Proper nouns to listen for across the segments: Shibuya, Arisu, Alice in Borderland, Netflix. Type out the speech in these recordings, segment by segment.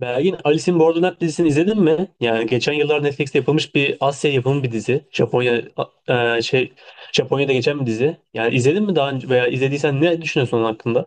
Belgin, Alice in Borderland dizisini izledin mi? Yani geçen yıllar Netflix'te yapılmış bir Asya yapımı bir dizi. Japonya a- e, şey Japonya'da geçen bir dizi. Yani izledin mi daha önce veya izlediysen ne düşünüyorsun onun hakkında?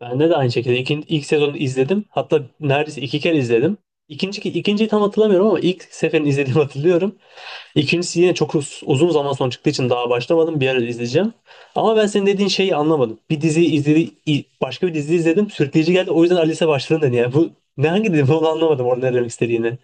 Ben de aynı şekilde ilk sezonu izledim. Hatta neredeyse iki kere izledim. İkinci, ikinciyi tam hatırlamıyorum ama ilk seferini izlediğimi hatırlıyorum. İkincisi yine çok uzun zaman sonra çıktığı için daha başlamadım. Bir ara izleyeceğim. Ama ben senin dediğin şeyi anlamadım. Bir dizi izledi, başka bir dizi izledim. Sürükleyici geldi. O yüzden Alice'e başladım dedi. Yani bu ne hangi dizi onu anlamadım orada ne demek istediğini.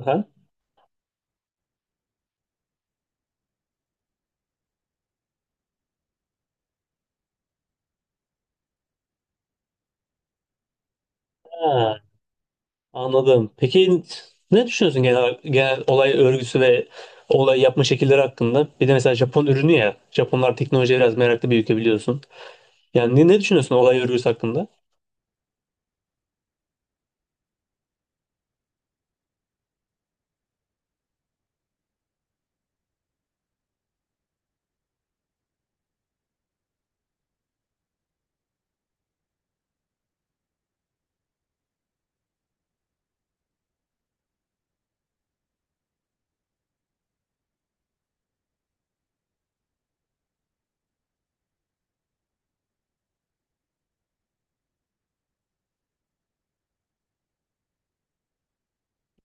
Aha. Ha, anladım. Peki ne düşünüyorsun genel olay örgüsü ve olay yapma şekilleri hakkında? Bir de mesela Japon ürünü ya. Japonlar teknolojiye biraz meraklı bir ülke biliyorsun. Yani ne düşünüyorsun olay örgüsü hakkında?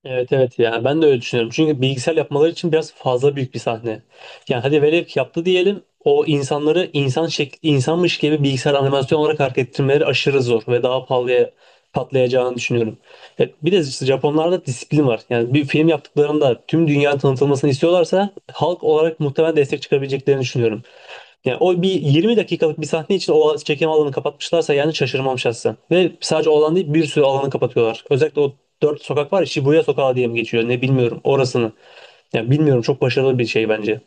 Evet, evet, yani ben de öyle düşünüyorum. Çünkü bilgisayar yapmaları için biraz fazla büyük bir sahne. Yani hadi velev ki yaptı diyelim o insanları insan şekli, insanmış gibi bilgisayar animasyon olarak hareket ettirmeleri aşırı zor ve daha pahalıya patlayacağını düşünüyorum. Bir de işte Japonlarda disiplin var. Yani bir film yaptıklarında tüm dünyanın tanıtılmasını istiyorlarsa halk olarak muhtemelen destek çıkabileceklerini düşünüyorum. Yani o bir 20 dakikalık bir sahne için o çekim alanı kapatmışlarsa yani şaşırmam şahsen. Ve sadece o alan değil bir sürü alanı kapatıyorlar. Özellikle o dört sokak var ya Shibuya sokağı diye mi geçiyor ne bilmiyorum orasını. Yani bilmiyorum çok başarılı bir şey bence.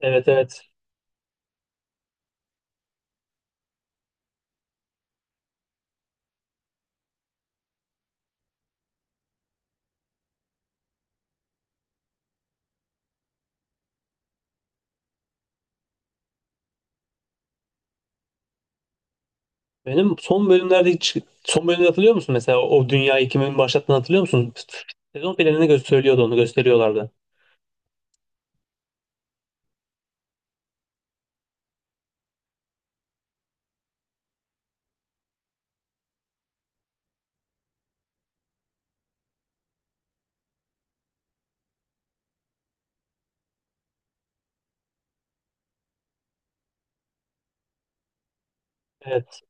Evet, evet. Benim son bölümlerde hiç son bölümde hatırlıyor musun mesela o dünyayı kimin başlattığını hatırlıyor musun? Sezon planını gösteriyordu onu gösteriyorlardı. Evet.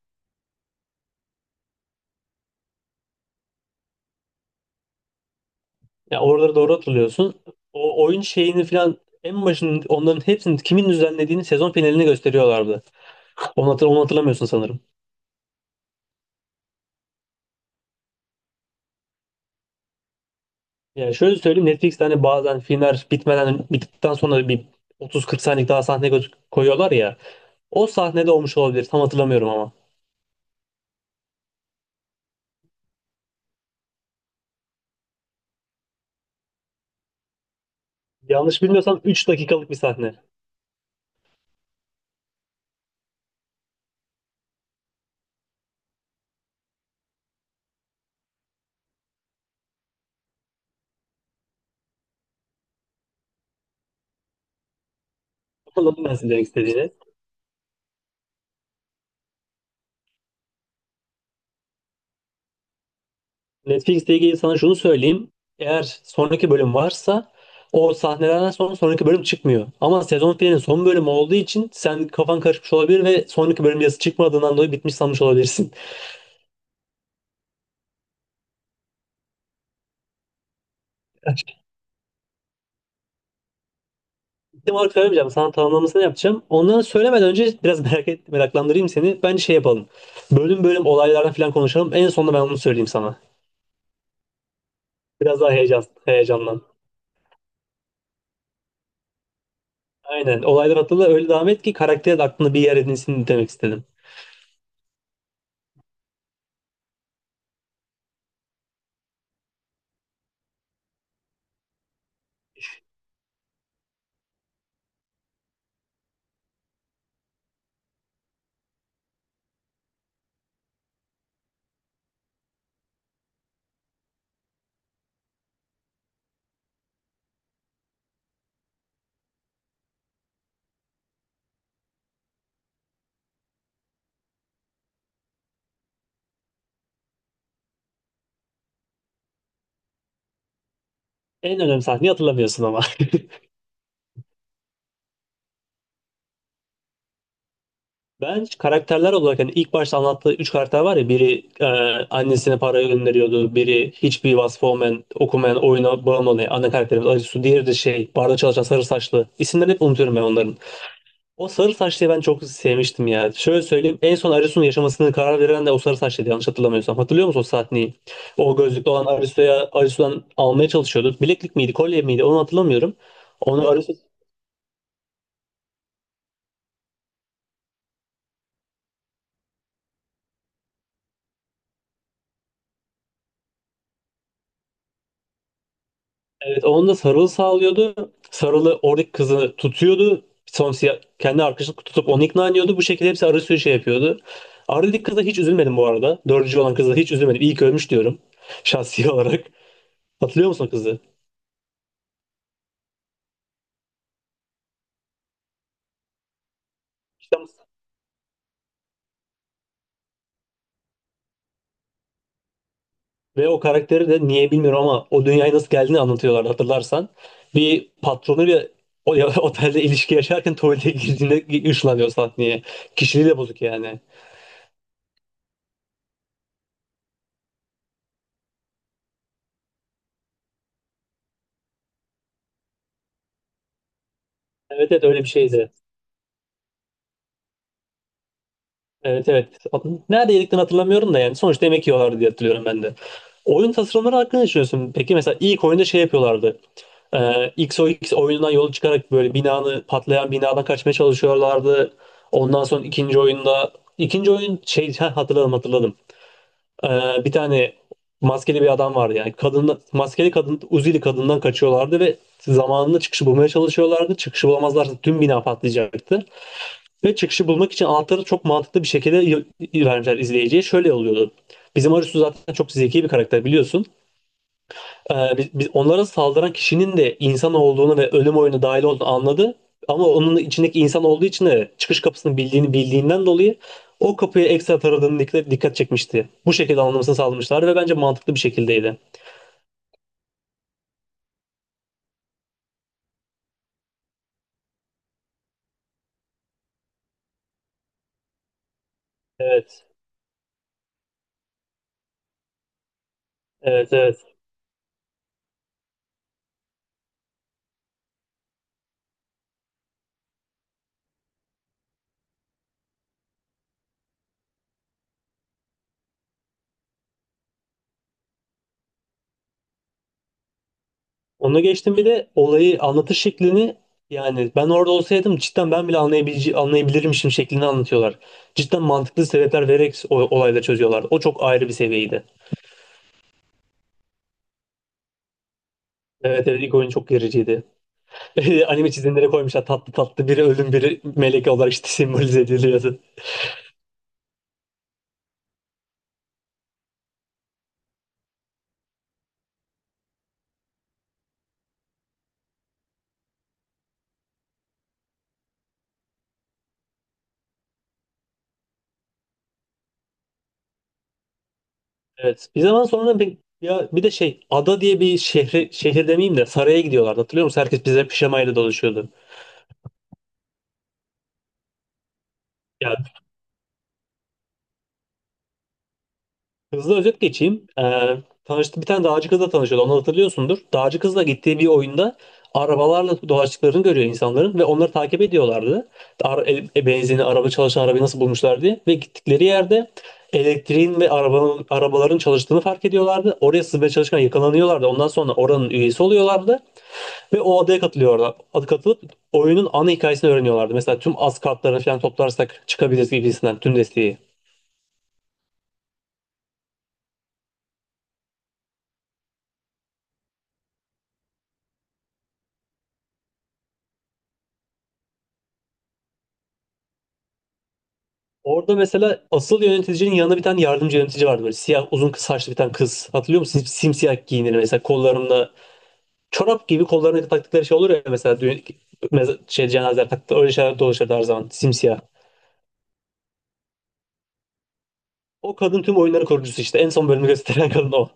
Ya oraları doğru hatırlıyorsun. O oyun şeyini falan en başının onların hepsini kimin düzenlediğini sezon finalini gösteriyorlardı. Onu hatırlamıyorsun sanırım. Yani şöyle söyleyeyim, Netflix'te hani bazen filmler bitmeden bittikten sonra bir 30-40 saniyelik daha sahne koyuyorlar ya. O sahnede olmuş olabilir. Tam hatırlamıyorum ama. Yanlış bilmiyorsam 3 dakikalık bir sahne. Anladım ben sizin demek istediğini. Netflix'te ilgili sana şunu söyleyeyim. Eğer sonraki bölüm varsa o sahnelerden sonra sonraki bölüm çıkmıyor. Ama sezon filminin son bölümü olduğu için sen kafan karışmış olabilir ve sonraki bölüm yazısı çıkmadığından dolayı bitmiş sanmış olabilirsin. Kendim olarak söylemeyeceğim. Sana tamamlamasını yapacağım. Ondan söylemeden önce biraz meraklandırayım seni. Bence şey yapalım. Bölüm bölüm olaylardan falan konuşalım. En sonunda ben onu söyleyeyim sana. Biraz daha heyecanlan. Aynen. Olaylar hatırla öyle devam et ki karakter de aklında bir yer edinsin demek istedim. En önemli sahneyi hatırlamıyorsun ama. Ben karakterler olarak hani ilk başta anlattığı üç karakter var ya biri annesine para gönderiyordu, biri hiçbir vasfı olmayan, okumayan, oyuna bağımlı olan ana karakterimiz Arisu, diğeri de şey barda çalışan sarı saçlı. İsimlerini hep unutuyorum ben onların. O sarı saçlıyı ben çok sevmiştim ya. Şöyle söyleyeyim, en son Arisu'nun yaşamasını karar veren de o sarı saçlıydı yanlış hatırlamıyorsam. Hatırlıyor musun o sahneyi? O gözlüklü olan Arisu'ya Arisu'dan almaya çalışıyordu. Bileklik miydi, kolye miydi onu hatırlamıyorum. Onu Arisu evet onun da Sarıl sağlıyordu. Sarıl'ı oradaki kızı tutuyordu. Son siyah, kendi arkadaşını tutup onu ikna ediyordu. Bu şekilde hepsi arı sürü şey yapıyordu. Arda'daki kıza hiç üzülmedim bu arada. Dördüncü olan kıza hiç üzülmedim. İyi ki ölmüş diyorum. Şahsi olarak. Hatırlıyor musun o kızı? İşte ve o karakteri de niye bilmiyorum ama o dünyaya nasıl geldiğini anlatıyorlardı hatırlarsan. Bir patronuyla o otelde ilişki yaşarken tuvalete girdiğinde ışınlanıyor sahneye. Kişiliği de bozuk yani. Evet, evet öyle bir şeydi. Evet, evet. Nerede yediklerini hatırlamıyorum da yani sonuçta yemek yiyorlardı diye hatırlıyorum ben de. Oyun tasarımları hakkında ne düşünüyorsun? Peki mesela ilk oyunda şey yapıyorlardı. XOX oyundan yola çıkarak böyle binanı patlayan binadan kaçmaya çalışıyorlardı. Ondan sonra ikinci oyunda ikinci oyun şey ha, hatırladım, hatırladım. Ee, Bir tane maskeli bir adam vardı yani kadın maskeli kadın Uzili kadından kaçıyorlardı ve zamanında çıkışı bulmaya çalışıyorlardı. Çıkışı bulamazlarsa tüm bina patlayacaktı. Ve çıkışı bulmak için anahtarı çok mantıklı bir şekilde vermişler izleyiciye. Şöyle oluyordu. Bizim Arisu zaten çok zeki bir karakter biliyorsun. Biz onlara saldıran kişinin de insan olduğunu ve ölüm oyunu dahil olduğunu anladı. Ama onun içindeki insan olduğu için de çıkış kapısını bildiğini bildiğinden dolayı o kapıyı ekstra taradığını dikkat çekmişti. Bu şekilde anlamasını sağlamışlar ve bence mantıklı bir şekildeydi. Evet. Evet, evet. Onu geçtim bir de olayı anlatış şeklini yani ben orada olsaydım cidden ben bile anlayabilirmişim şeklini anlatıyorlar. Cidden mantıklı sebepler vererek o, olayları çözüyorlardı. O çok ayrı bir seviyeydi. Evet, evet ilk oyun çok gericiydi. Anime çizimleri koymuşlar tatlı tatlı biri ölüm biri melek olarak işte simbolize ediliyordu. Evet bir zaman sonra bir, ya bir de şey ada diye bir şehre, şehir demeyeyim de saraya gidiyorlardı hatırlıyor musun? Herkes bize pijamayla dolaşıyordu. Ya hızlı özet geçeyim. Tanıştı, bir tane dağcı kızla tanışıyordu. Onu hatırlıyorsundur. Dağcı kızla gittiği bir oyunda arabalarla dolaştıklarını görüyor insanların ve onları takip ediyorlardı. Benzini, araba çalışan arabayı nasıl bulmuşlar diye. Ve gittikleri yerde elektriğin ve arabanın, arabaların çalıştığını fark ediyorlardı. Oraya sızmaya çalışırken yakalanıyorlardı. Ondan sonra oranın üyesi oluyorlardı. Ve o adaya katılıyorlar. Adı katılıp oyunun ana hikayesini öğreniyorlardı. Mesela tüm az kartlarını falan toplarsak çıkabiliriz gibisinden tüm desteği. Orada mesela asıl yöneticinin yanında bir tane yardımcı yönetici vardı böyle siyah uzun kız saçlı bir tane kız. Hatırlıyor musun? Simsiyah giyinir mesela kollarında çorap gibi kollarına taktıkları şey olur ya mesela düğün, şey cenazeler taktı öyle şeyler dolaşırdı her zaman simsiyah. O kadın tüm oyunların kurucusu işte en son bölümü gösteren kadın o.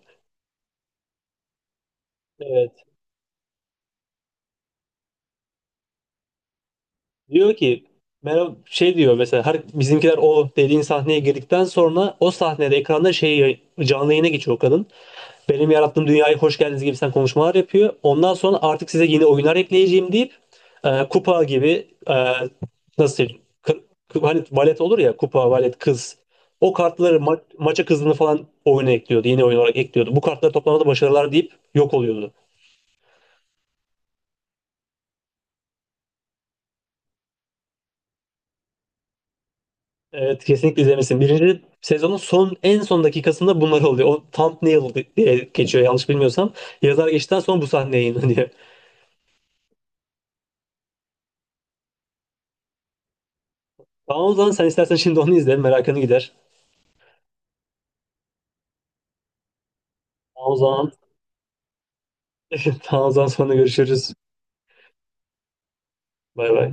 Evet. Diyor ki merhaba şey diyor mesela her bizimkiler o dediğin sahneye girdikten sonra o sahnede ekranda şey canlı yayına geçiyor o kadın. Benim yarattığım dünyaya hoş geldiniz gibi sen konuşmalar yapıyor. Ondan sonra artık size yeni oyunlar ekleyeceğim deyip kupa gibi nasıl söyleyeyim? Hani valet olur ya kupa, valet, kız. O kartları maça kızını falan oyuna ekliyordu. Yeni oyun olarak ekliyordu. Bu kartları toplamada başarılar deyip yok oluyordu. Evet kesinlikle izlemesin. Birinci sezonun son en son dakikasında bunlar oluyor. O thumbnail diye geçiyor yanlış bilmiyorsam. Yazar geçtikten sonra bu sahne yayınlanıyor. Tamam o zaman sen istersen şimdi onu izle. Merakını gider. Tamam o zaman. Tamam o zaman sonra görüşürüz. Bay bay.